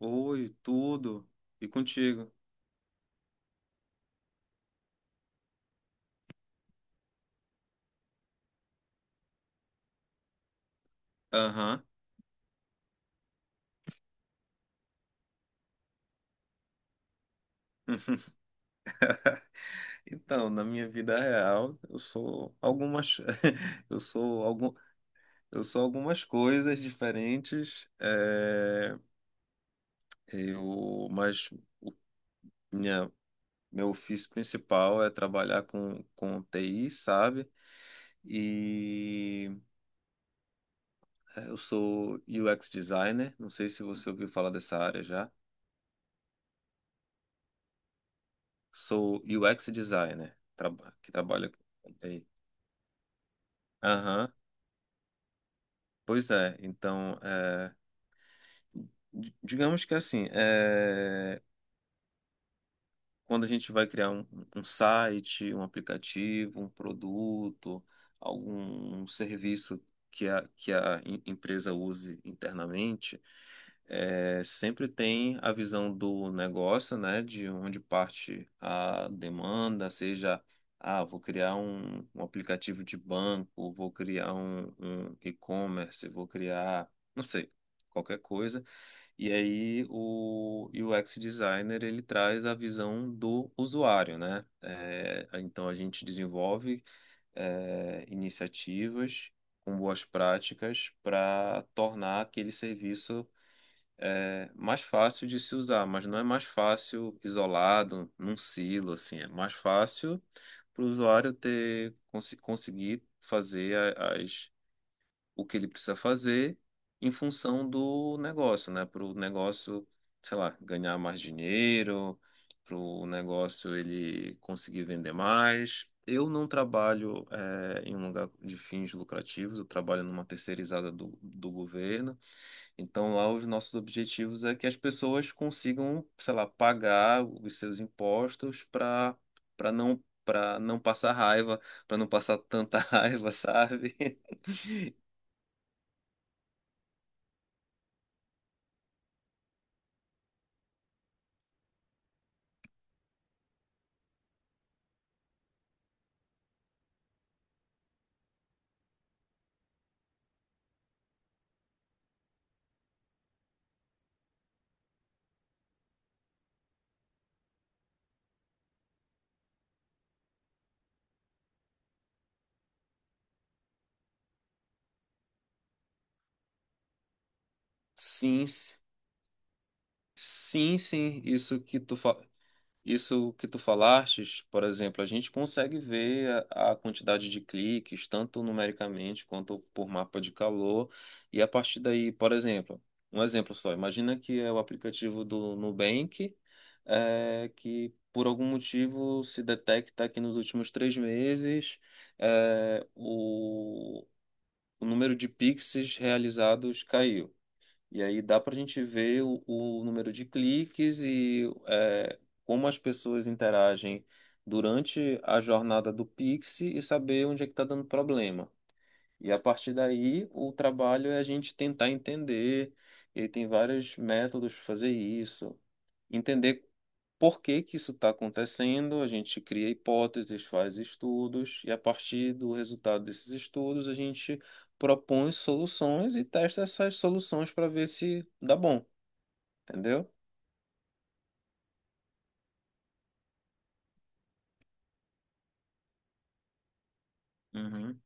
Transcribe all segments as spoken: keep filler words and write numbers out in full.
Oi, tudo. E contigo? Aham. Então, na minha vida real, eu sou algumas eu sou algum eu sou algumas coisas diferentes, é, eu mas o- minha meu ofício principal é trabalhar com com T I, sabe? E é, eu sou U X designer, não sei se você ouviu falar dessa área já. Sou U X designer, traba- que trabalha com T I. Aham. Pois é, então, é, di- digamos que assim, eh, quando a gente vai criar um, um site, um aplicativo, um produto, algum serviço que a, que a em- empresa use internamente, é, sempre tem a visão do negócio, né, de onde parte a demanda, seja, ah, vou criar um, um aplicativo de banco, vou criar um, um e-commerce, vou criar, não sei, qualquer coisa. E aí o U X designer ele traz a visão do usuário, né? É, então a gente desenvolve é, iniciativas com boas práticas para tornar aquele serviço é, mais fácil de se usar, mas não é mais fácil isolado num silo, assim, é mais fácil para o usuário ter cons- conseguir fazer a- as o que ele precisa fazer em função do negócio, né? Para o negócio, sei lá, ganhar mais dinheiro, para o negócio ele conseguir vender mais. Eu não trabalho eh, em um lugar de fins lucrativos, eu trabalho numa terceirizada do, do governo. Então, lá os nossos objetivos é que as pessoas consigam, sei lá, pagar os seus impostos para para não para não passar raiva, para não passar tanta raiva, sabe? Sim, sim, sim, isso que tu fa... isso que tu falastes, por exemplo, a gente consegue ver a a quantidade de cliques, tanto numericamente quanto por mapa de calor, e a partir daí, por exemplo, um exemplo só, imagina que é o aplicativo do Nubank, é, que por algum motivo se detecta que nos últimos três meses é, o... o número de Pix realizados caiu. E aí dá para a gente ver o, o número de cliques e é, como as pessoas interagem durante a jornada do Pix e saber onde é que está dando problema. E a partir daí, o trabalho é a gente tentar entender, e tem vários métodos para fazer isso, entender por que que isso está acontecendo, a gente cria hipóteses, faz estudos, e a partir do resultado desses estudos, a gente propõe soluções e testa essas soluções para ver se dá bom, entendeu? Uhum.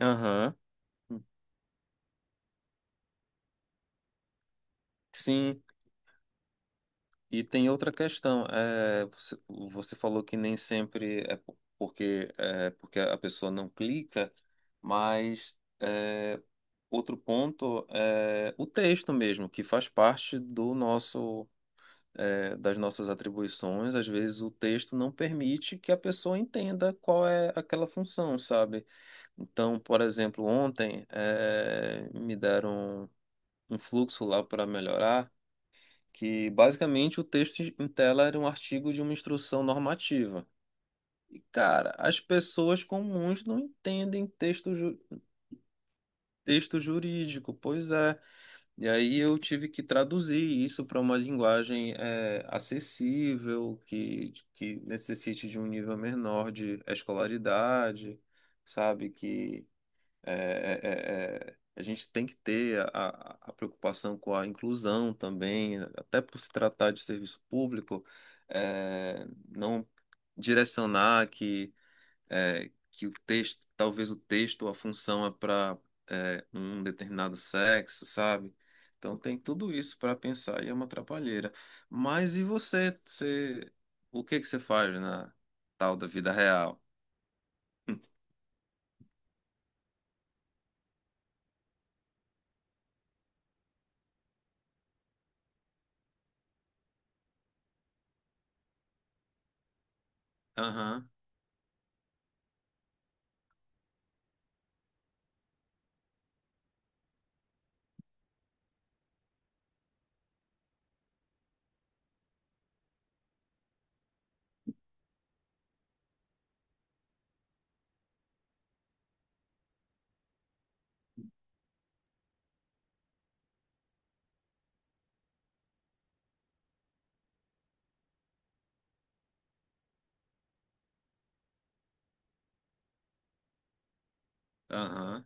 Aham. Sim, e tem outra questão. É, você, você falou que nem sempre é po- porque, é porque a pessoa não clica, mas é, outro ponto é o texto mesmo, que faz parte do nosso. É, das nossas atribuições, às vezes o texto não permite que a pessoa entenda qual é aquela função, sabe? Então, por exemplo, ontem é, me deram um fluxo lá para melhorar, que basicamente o texto em tela era um artigo de uma instrução normativa. E, cara, as pessoas comuns não entendem texto, ju- texto jurídico, pois é. E aí eu tive que traduzir isso para uma linguagem é, acessível, que, que necessite de um nível menor de escolaridade, sabe? Que é, é, é, é, a gente tem que ter a, a a preocupação com a inclusão também, até por se tratar de serviço público, é, não direcionar que é, que o texto, talvez o texto ou a função é para um determinado sexo, sabe? Então tem tudo isso para pensar e é uma atrapalheira. Mas e você, você, o que que você faz na tal da vida real? Aham, aham,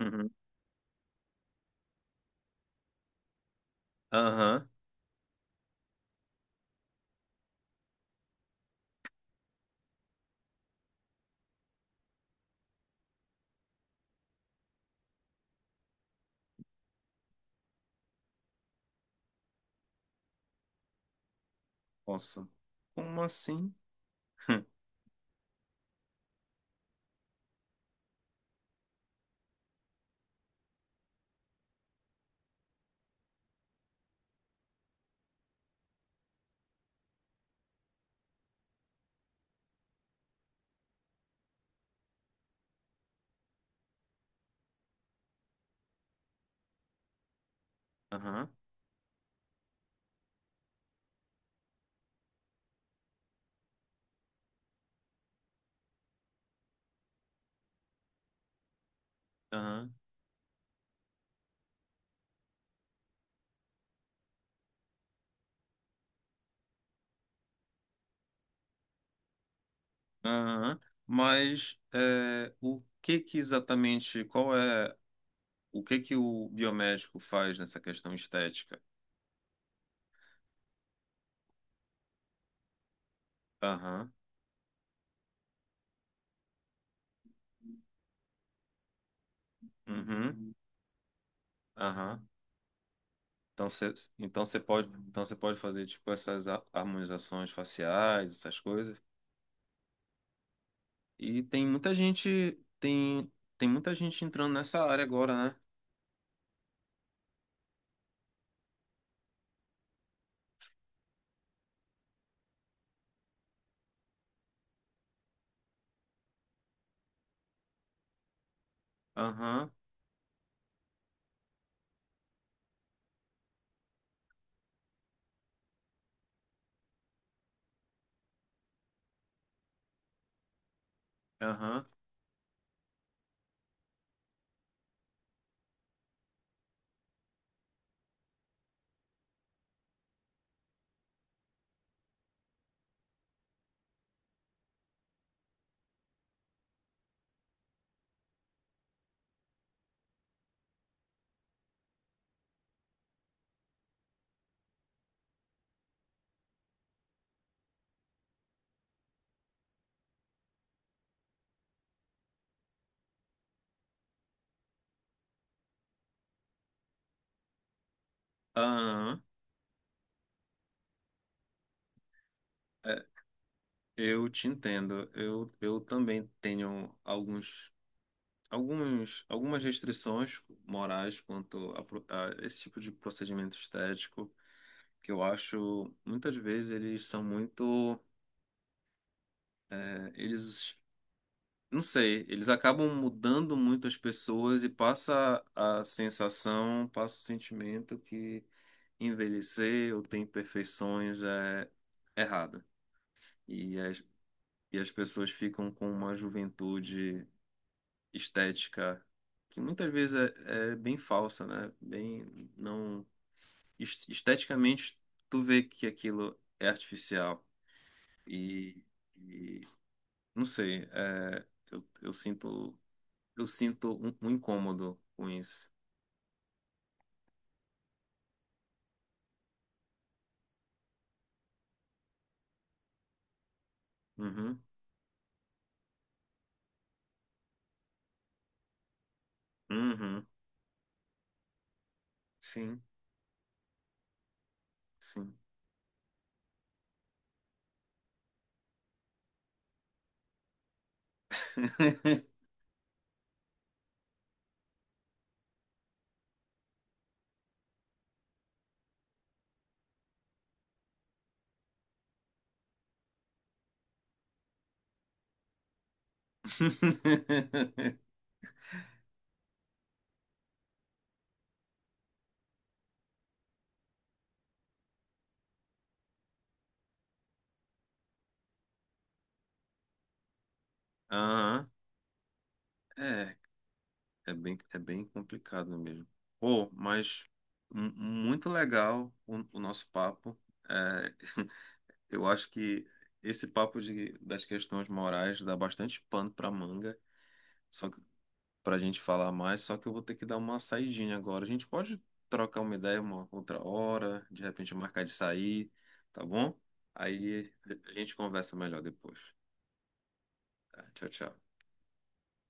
uhum, aham. Nossa, como assim? Aham, aham, aham. Mas é, o que que exatamente, qual é, o que que o biomédico faz nessa questão estética? Aham. Uhum. Aham. Então você então você pode, então você pode fazer tipo essas a- harmonizações faciais, essas coisas. E tem muita gente, tem tem muita gente entrando nessa área agora, né? Aham. Aham. Aham. É, eu te entendo. Eu, eu também tenho alguns alguns algumas restrições morais quanto a, pro- a esse tipo de procedimento estético. Que eu acho muitas vezes eles são muito é, eles não sei, eles acabam mudando muito as pessoas e passa a sensação, passa o sentimento que envelhecer ou ter imperfeições é errado. E as, e as pessoas ficam com uma juventude estética que muitas vezes é, é bem falsa, né? Bem, não, es- esteticamente, tu vê que aquilo é artificial. E, e não sei, é, eu, eu sinto. Eu sinto um, um incômodo com isso. Uhum. Uhum. Sim, sim. Aham. É, é bem, é bem complicado mesmo. Pô, mas mu- muito legal o, o nosso papo. É, eu acho que esse papo de, das questões morais dá bastante pano para manga. Só pra gente falar mais, só que eu vou ter que dar uma saidinha agora. A gente pode trocar uma ideia uma outra hora, de repente marcar de sair, tá bom? Aí a gente conversa melhor depois. Tá? Tchau, tchau.